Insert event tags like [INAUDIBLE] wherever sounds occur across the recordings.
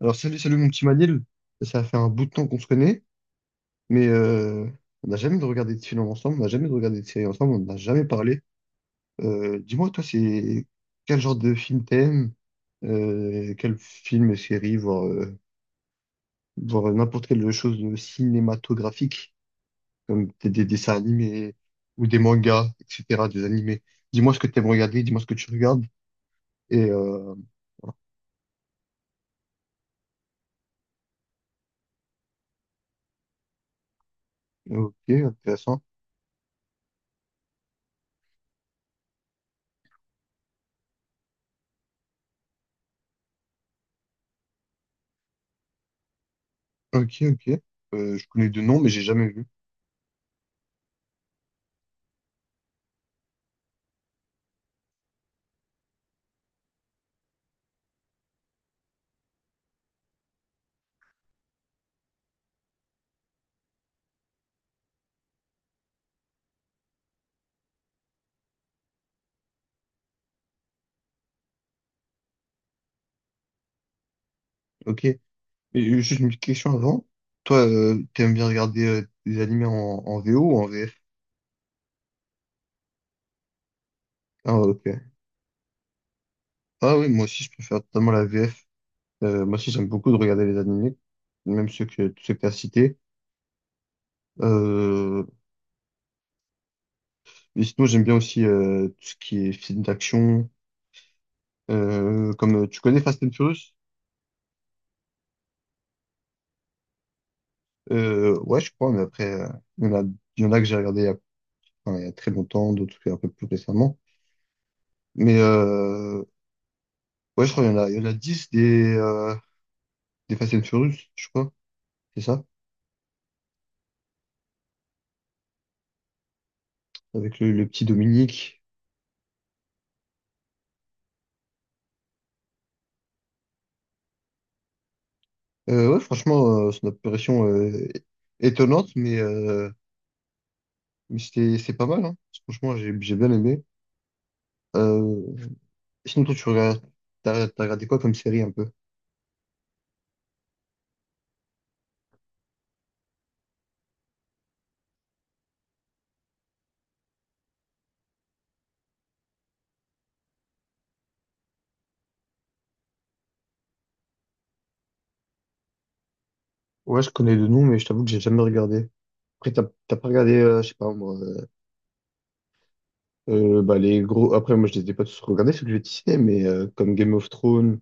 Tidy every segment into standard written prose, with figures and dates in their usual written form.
Alors, salut, salut mon petit Manil. Ça fait un bout de temps qu'on se connaît, mais on n'a jamais de regardé de film ensemble, on n'a jamais de regardé de série ensemble, on n'a jamais parlé. Dis-moi, toi, c'est quel genre de film t'aimes? Quel film et série, voire n'importe quelle chose de cinématographique, comme des dessins animés ou des mangas, etc., des animés. Dis-moi ce que t'aimes regarder, dis-moi ce que tu regardes. Et voilà. Ok, intéressant. Ok, ok. Je connais deux noms, mais j'ai jamais vu. Ok. Et juste une petite question avant. Toi, t'aimes bien regarder des animés en VO ou en VF? Ah, ok. Ah oui, moi aussi, je préfère totalement la VF. Moi aussi, j'aime beaucoup de regarder les animés, même tous ceux que t'as cités. Euh, et sinon, j'aime bien aussi tout ce qui est film d'action. Comme tu connais Fast and Furious? Ouais, je crois, mais après, il y en a, il y en a que j'ai regardé enfin, il y a très longtemps, d'autres un peu plus récemment. Mais ouais, je crois qu'il y en a 10 des Fast and Furious, je crois. C'est ça, avec le petit Dominique. Ouais, franchement, son apparition étonnante, mais, mais c'est pas mal, hein. Franchement, j'ai bien aimé. Euh, Sinon, toi, t'as regardé quoi comme série un peu? Ouais, je connais le nom, mais je t'avoue que j'ai jamais regardé. Après, t'as pas regardé, je sais pas, moi. Bah, les gros. Après, moi, je les ai pas tous regardés, ceux que j'ai cités, mais comme Game of Thrones,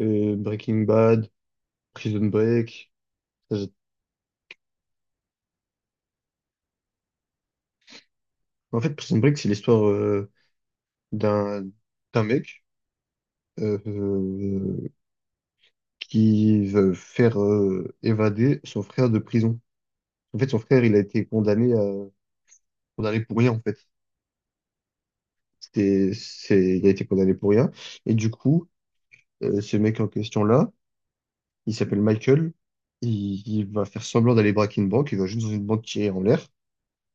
Breaking Bad, Prison Break. Ça, j'ai- En fait, Prison Break, c'est l'histoire d'un d'un mec euh, euh, qui veut faire évader son frère de prison. En fait, son frère, il a été condamné pour rien, en fait. Il a été condamné pour rien. Et du coup, ce mec en question-là, il s'appelle Michael. Il va faire semblant d'aller braquer une banque, il va juste dans une banque tirer en l'air,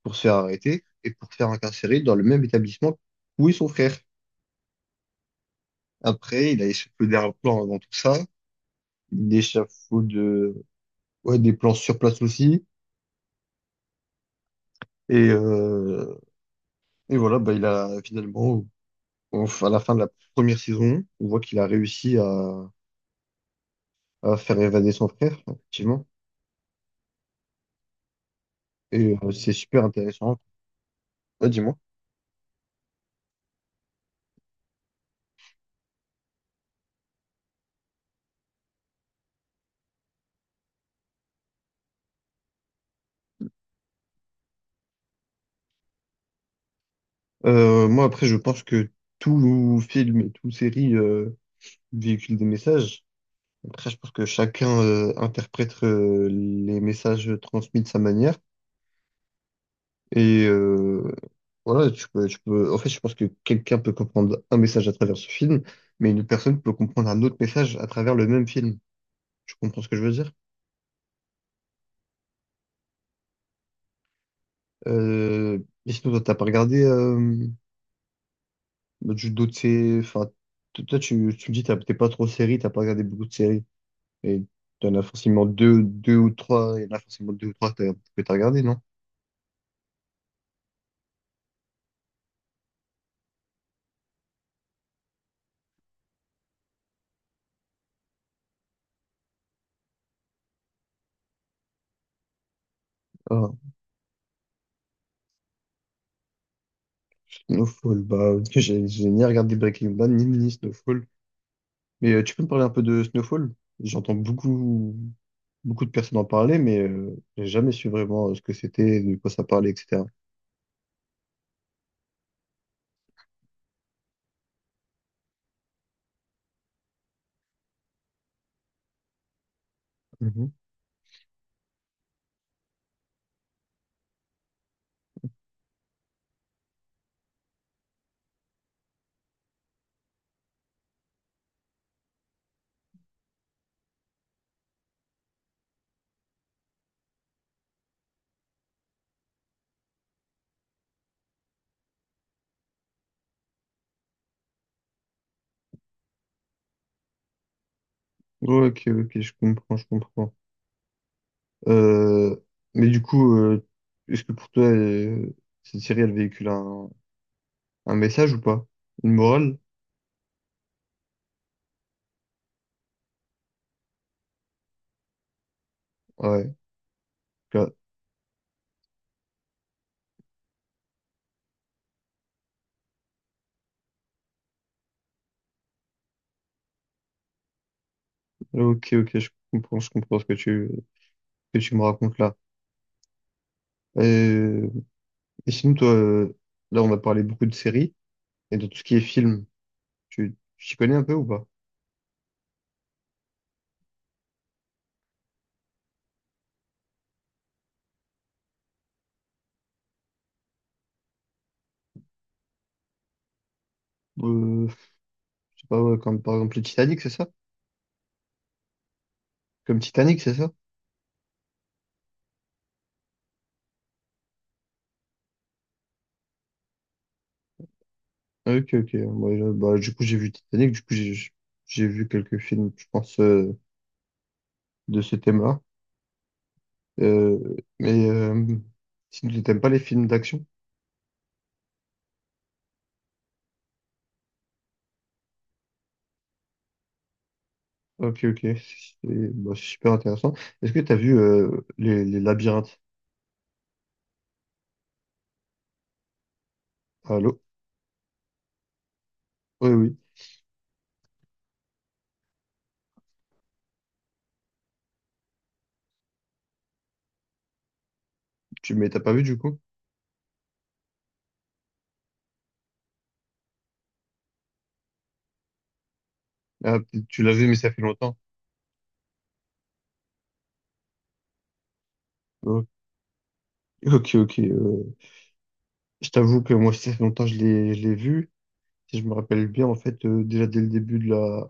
pour se faire arrêter et pour se faire incarcérer dans le même établissement où est son frère. Après, il a échafaudé un plan avant tout ça. Il échafaude ouais, des plans sur place aussi. Et, euh, et voilà, bah, il a finalement, à la fin de la première saison, on voit qu'il a réussi à faire évader son frère, effectivement. Et c'est super intéressant. Ouais, dis-moi. Moi, après, je pense que tout film et toute série véhicule des messages. Après, je pense que chacun interprète les messages transmis de sa manière. Et voilà, En fait, je pense que quelqu'un peut comprendre un message à travers ce film, mais une personne peut comprendre un autre message à travers le même film. Tu comprends ce que je veux dire? Euh... Et sinon, toi, t'as pas regardé enfin, toi, tu me dis, t'es pas trop série, t'as pas regardé beaucoup de séries. Et t'en as forcément deux, deux ou trois, il y en a forcément deux ou trois que t'as regardé, non? Ah. Snowfall, bah, [LAUGHS] j'ai ni regardé Breaking Bad, ni Snowfall. Mais tu peux me parler un peu de Snowfall? J'entends beaucoup, beaucoup de personnes en parler, mais j'ai jamais su vraiment ce que c'était, de quoi ça parlait, etc. Mhm. Ouais, ok, ok, je comprends, je comprends. Euh, mais du coup, est-ce que pour toi, cette série, elle véhicule un message ou pas? Une morale? Ouais. Ok, ok, je comprends ce que que tu me racontes là. Euh, et sinon, toi, là, on a parlé beaucoup de séries, et dans tout ce qui est film, tu t'y connais un peu ou pas? Euh, je sais pas, ouais, comme par exemple le Titanic, c'est ça? Comme Titanic, c'est ça? Ah, ok, ok. Moi, bah, du coup, j'ai vu Titanic, du coup, j'ai vu quelques films, je pense, de ce thème-là. Euh, mais si tu n'aimes pas les films d'action, ok, ok, c'est bah, c'est super intéressant. Est-ce que tu as vu les labyrinthes? Allô. Oui, oui. Mais t'as pas vu du coup? Ah, peut-être tu l'as vu, mais ça fait longtemps. Ok, ok. Ok, je t'avoue que moi, ça fait longtemps que je l'ai vu. Si je me rappelle bien, en fait, déjà dès le début de la,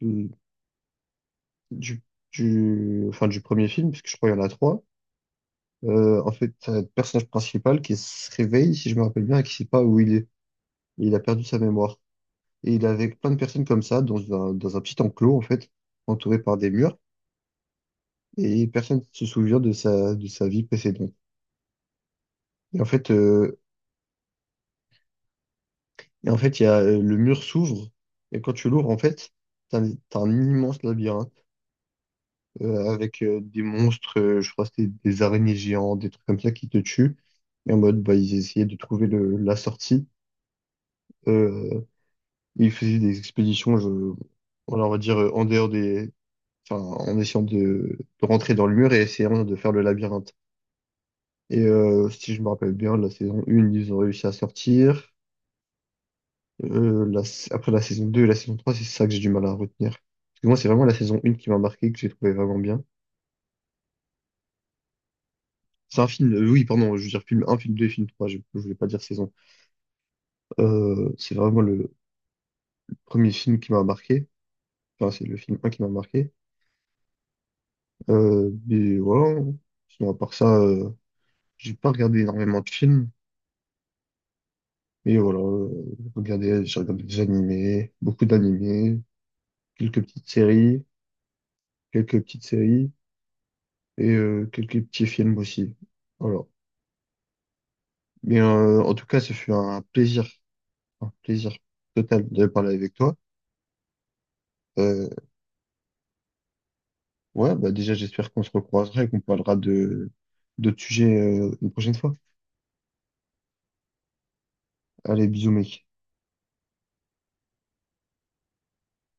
de- du, du, enfin, du premier film, parce que je crois qu'il y en a trois. En fait, t'as le personnage principal qui se réveille, si je me rappelle bien, et qui sait pas où il est. Et il a perdu sa mémoire. Et il est avec plein de personnes comme ça, dans un petit enclos, en fait, entouré par des murs, et personne ne se souvient de sa vie précédente. Et en fait, euh, Et en fait, le mur s'ouvre, et quand tu l'ouvres, en fait, t'as un immense labyrinthe avec des monstres, je crois que c'était des araignées géantes, des trucs comme ça qui te tuent. Et en mode, bah, ils essayaient de trouver la sortie. Euh, Ils faisaient des expéditions, voilà, on va dire, en dehors des. Enfin, en essayant de rentrer dans le mur et essayant de faire le labyrinthe. Et si je me rappelle bien, la saison 1, ils ont réussi à sortir. Après la saison 2 et la saison trois, c'est ça que j'ai du mal à retenir. Parce que moi, c'est vraiment la saison 1 qui m'a marqué, que j'ai trouvé vraiment bien. C'est un film, oui, pardon, je veux dire film un, film deux, film trois, je ne voulais pas dire saison. C'est vraiment le premier film qui m'a marqué. Enfin, c'est le film un qui m'a marqué. Mais voilà. Sinon, à part ça, j'ai pas regardé énormément de films. Mais voilà, j'ai regardé des animés, beaucoup d'animés, quelques petites séries, quelques petites séries et quelques petits films aussi. Voilà. Mais en tout cas, ce fut un plaisir total de parler avec toi. Euh, ouais, bah déjà, j'espère qu'on se recroisera et qu'on parlera de d'autres sujets une prochaine fois. Allez, bisous, mec.